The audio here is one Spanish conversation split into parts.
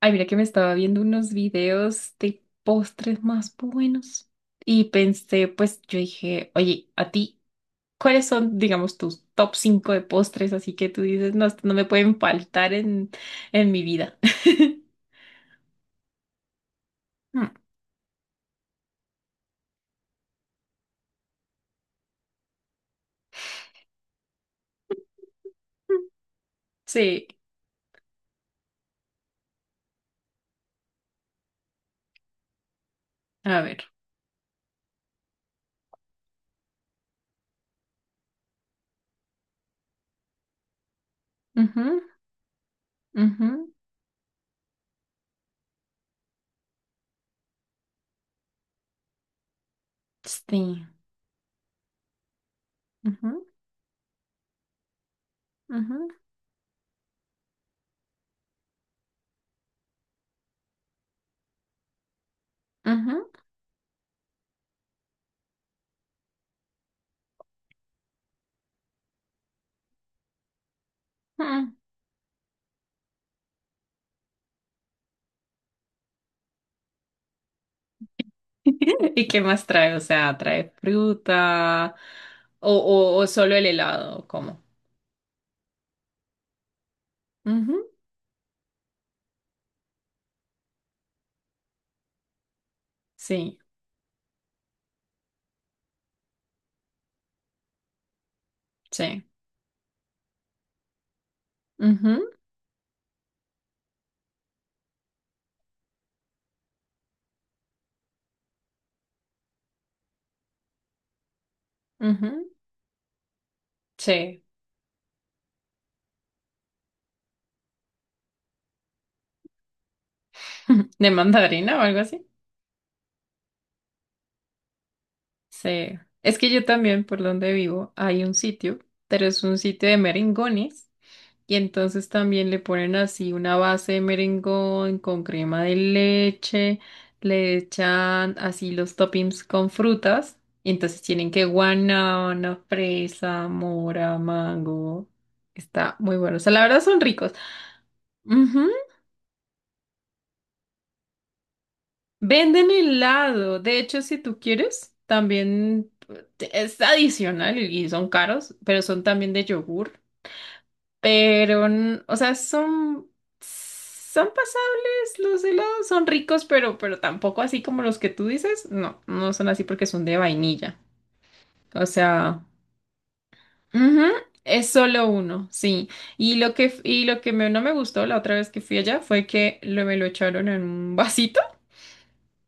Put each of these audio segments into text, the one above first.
Ay, mira que me estaba viendo unos videos de postres más buenos y pensé, pues yo dije, oye, a ti, ¿cuáles son, digamos, tus top 5 de postres? Así que tú dices, no, esto no me pueden faltar en mi vida. Mm, sí, a ver. Ujú, ujú, sí. Ujú, ujú, ujú, mm. ¿Y qué más trae? O sea, ¿trae fruta o solo el helado? ¿Cómo? Ujú, sí, sí. Ujú, ujú, sí. ¿De mandarina o algo así? Sí. Es que yo también, por donde vivo, hay un sitio, pero es un sitio de merengones. Y entonces también le ponen así una base de merengón con crema de leche, le echan así los toppings con frutas. Y entonces tienen que guanábana, fresa, mora, mango. Está muy bueno. O sea, la verdad son ricos. Venden helado. De hecho, si tú quieres, también es adicional y son caros, pero son también de yogur. Pero, o sea, son, pasables los helados, son ricos, pero tampoco así como los que tú dices. No, no son así porque son de vainilla. O sea, ujú, es solo uno, sí. Y lo que, f- y lo que me- no me gustó la otra vez que fui allá fue que me lo echaron en un vasito.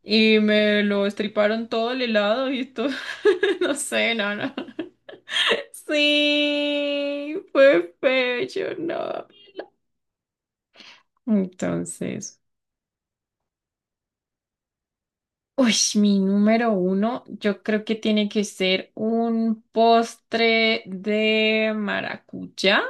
Y me lo estriparon todo el helado y todo. No sé, no, no. Sí, fue feo, yo no. Entonces, uy, mi número uno, yo creo que tiene que ser un postre de maracuyá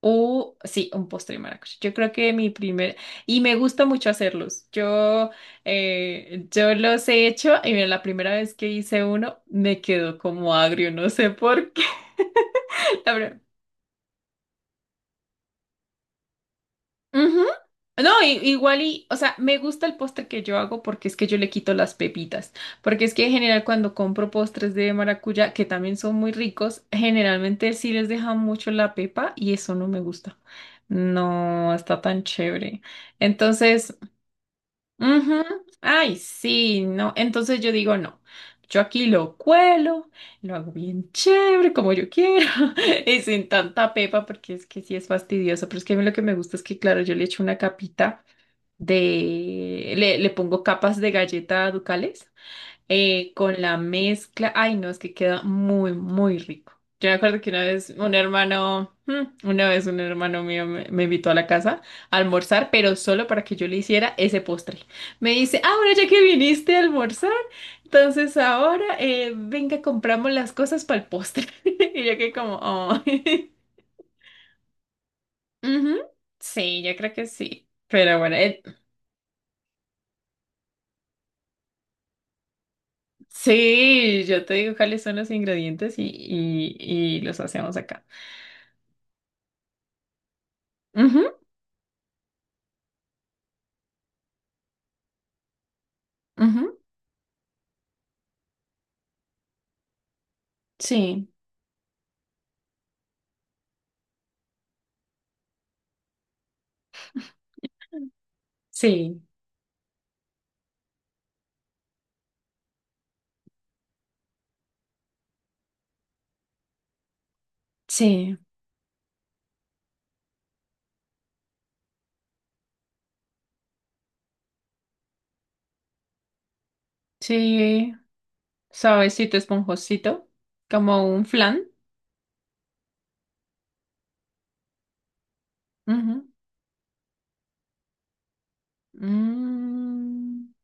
o, sí, un postre de maracuyá. Yo creo que mi primer, y me gusta mucho hacerlos. Yo los he hecho y mira, la primera vez que hice uno me quedó como agrio, no sé por qué. La verdad, ujú. No, igual y, o sea, me gusta el postre que yo hago porque es que yo le quito las pepitas, porque es que en general cuando compro postres de maracuyá, que también son muy ricos, generalmente sí les dejan mucho la pepa y eso no me gusta. No está tan chévere. Entonces, ujú. Ay, sí, no. Entonces yo digo, no, yo aquí lo cuelo, lo hago bien chévere, como yo quiero, y sin tanta pepa, porque es que sí es fastidioso, pero es que a mí lo que me gusta es que, claro, yo le echo una capita de, le pongo capas de galleta Ducales con la mezcla. Ay, no, es que queda muy, muy rico. Yo me acuerdo que una vez un hermano, mm, una vez un hermano mío me, invitó a la casa a almorzar, pero solo para que yo le hiciera ese postre. Me dice, ah, bueno, ya que viniste a almorzar, entonces ahora venga, compramos las cosas para el postre. Y yo que como, oh. Ujú, sí, yo creo que sí. Pero bueno, sí, yo te digo cuáles son los ingredientes y, y los hacemos acá. Ujú. Ujú, sí, sí, sí, sí, suavecito, esponjosito, como un flan. Ujú, mm,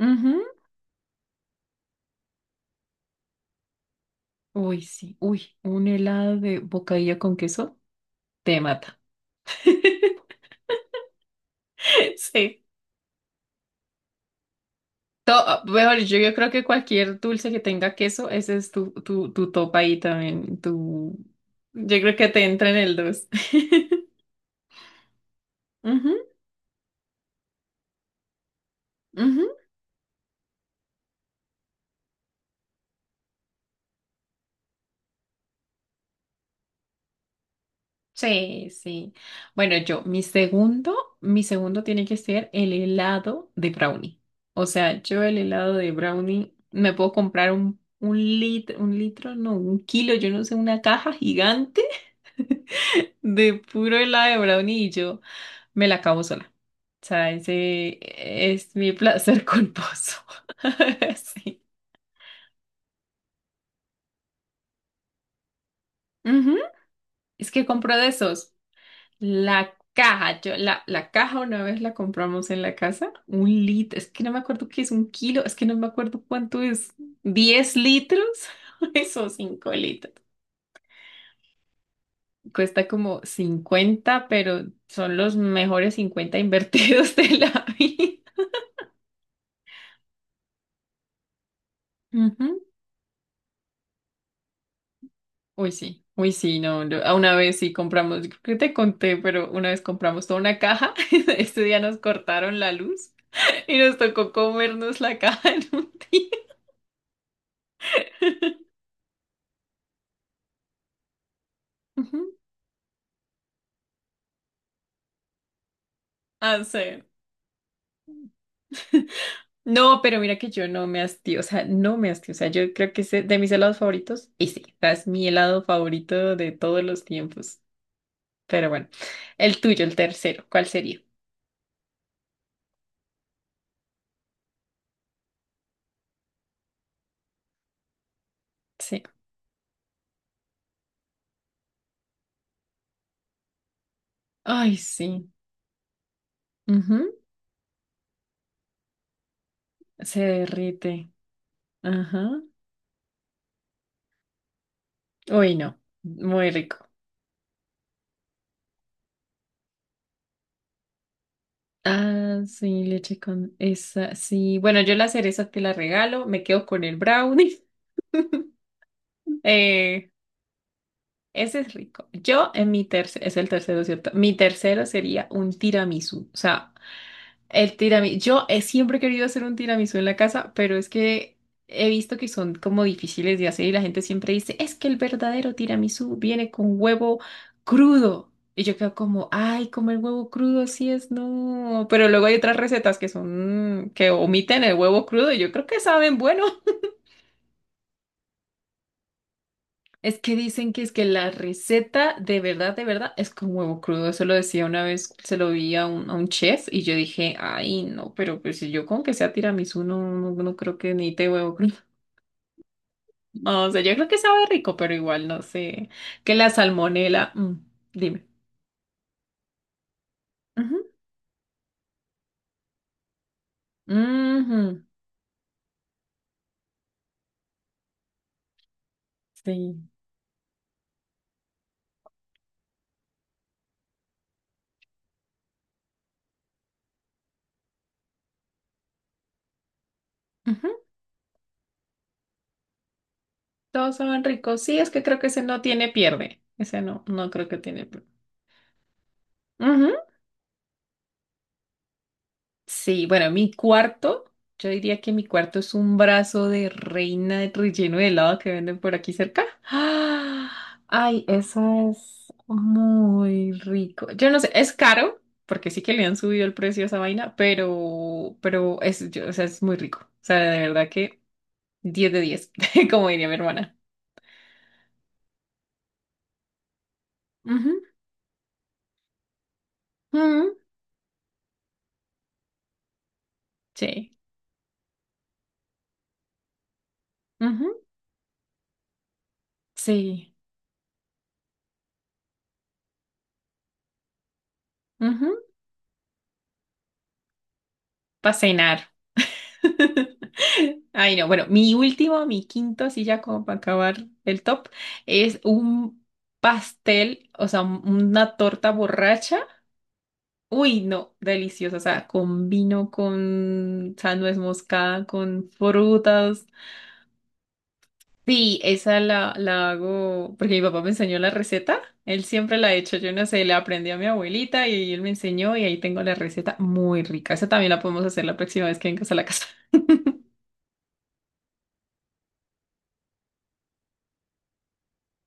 ujú. Uy, sí, uy, un helado de bocadillo con queso te mata. Sí. Mejor, yo, creo que cualquier dulce que tenga queso, ese es tu, tu top ahí también. Tu... Yo creo que te entra en el dos. Ujú, ujú. Sí, sí. Bueno, yo, mi segundo tiene que ser el helado de brownie. O sea, yo el helado de brownie me puedo comprar un litro, un litro, no, un kilo, yo no sé, una caja gigante de puro helado de brownie y yo me la acabo sola. O sea, ese es mi placer culposo. Sí. Ujú. Es que compro de esos. La caja, yo, la caja una vez la compramos en la casa, un litro, es que no me acuerdo qué es un kilo, es que no me acuerdo cuánto es, 10 litros, eso, 5 litros. Cuesta como cincuenta, pero son los mejores 50 invertidos de la vida. Ujú. Uy, sí, no, no, a una vez sí compramos, yo creo que te conté, pero una vez compramos toda una caja, este día nos cortaron la luz y nos tocó comernos la caja en un día. Ujú. Ah, sí. No, pero mira que yo no me hastio, o sea, no me hastio, o sea, yo creo que de mis helados favoritos, y sí, o sea, es mi helado favorito de todos los tiempos. Pero bueno, el tuyo, el tercero, ¿cuál sería? Sí. Ay, sí. Ujú, se derrite. Ajá. Uy, no. Muy rico. Ah, sí, leche con esa. Sí. Bueno, yo la cereza te la regalo. Me quedo con el brownie. Eh, ese es rico. Yo en mi tercero, es el tercero, ¿cierto? Mi tercero sería un tiramisú. O sea, el tiramisú. Yo he siempre he querido hacer un tiramisú en la casa, pero es que he visto que son como difíciles de hacer y la gente siempre dice, es que el verdadero tiramisú viene con huevo crudo. Y yo quedo como, ay, comer huevo crudo, sí es no. Pero luego hay otras recetas que son, que omiten el huevo crudo y yo creo que saben bueno. Es que dicen que es que la receta de verdad, es con huevo crudo. Eso lo decía una vez, se lo vi a un, chef y yo dije, ay, no, pero pues si yo con que sea tiramisú, no, no, no creo que necesite huevo crudo. No, o sea, yo creo que sabe rico, pero igual no sé. Que la salmonela, mm, dime. Ujú, ujú, sí. Ujú, todos saben ricos. Sí, es que creo que ese no tiene pierde. Ese no, no creo que tiene pierde. Sí, bueno, mi cuarto, yo diría que mi cuarto es un brazo de reina de relleno de helado que venden por aquí cerca. ¡Ah! Ay, eso es muy rico. Yo no sé, es caro, porque sí que le han subido el precio a esa vaina, pero es, o sea, es muy rico. O sea, de verdad que 10 de 10, como diría mi hermana. Ujú, ujú, sí. Ujú, sí. Ujú, para cenar. Ay, no. Bueno, mi último, mi quinto, así ya como para acabar el top, es un pastel, o sea, una torta borracha. Uy, no, deliciosa. O sea, con vino, con, o sea, nuez moscada, con frutas. Sí, esa la, la hago porque mi papá me enseñó la receta. Él siempre la ha hecho, yo no sé, la aprendí a mi abuelita y él me enseñó y ahí tengo la receta muy rica. Esa también la podemos hacer la próxima vez que vengas a la casa.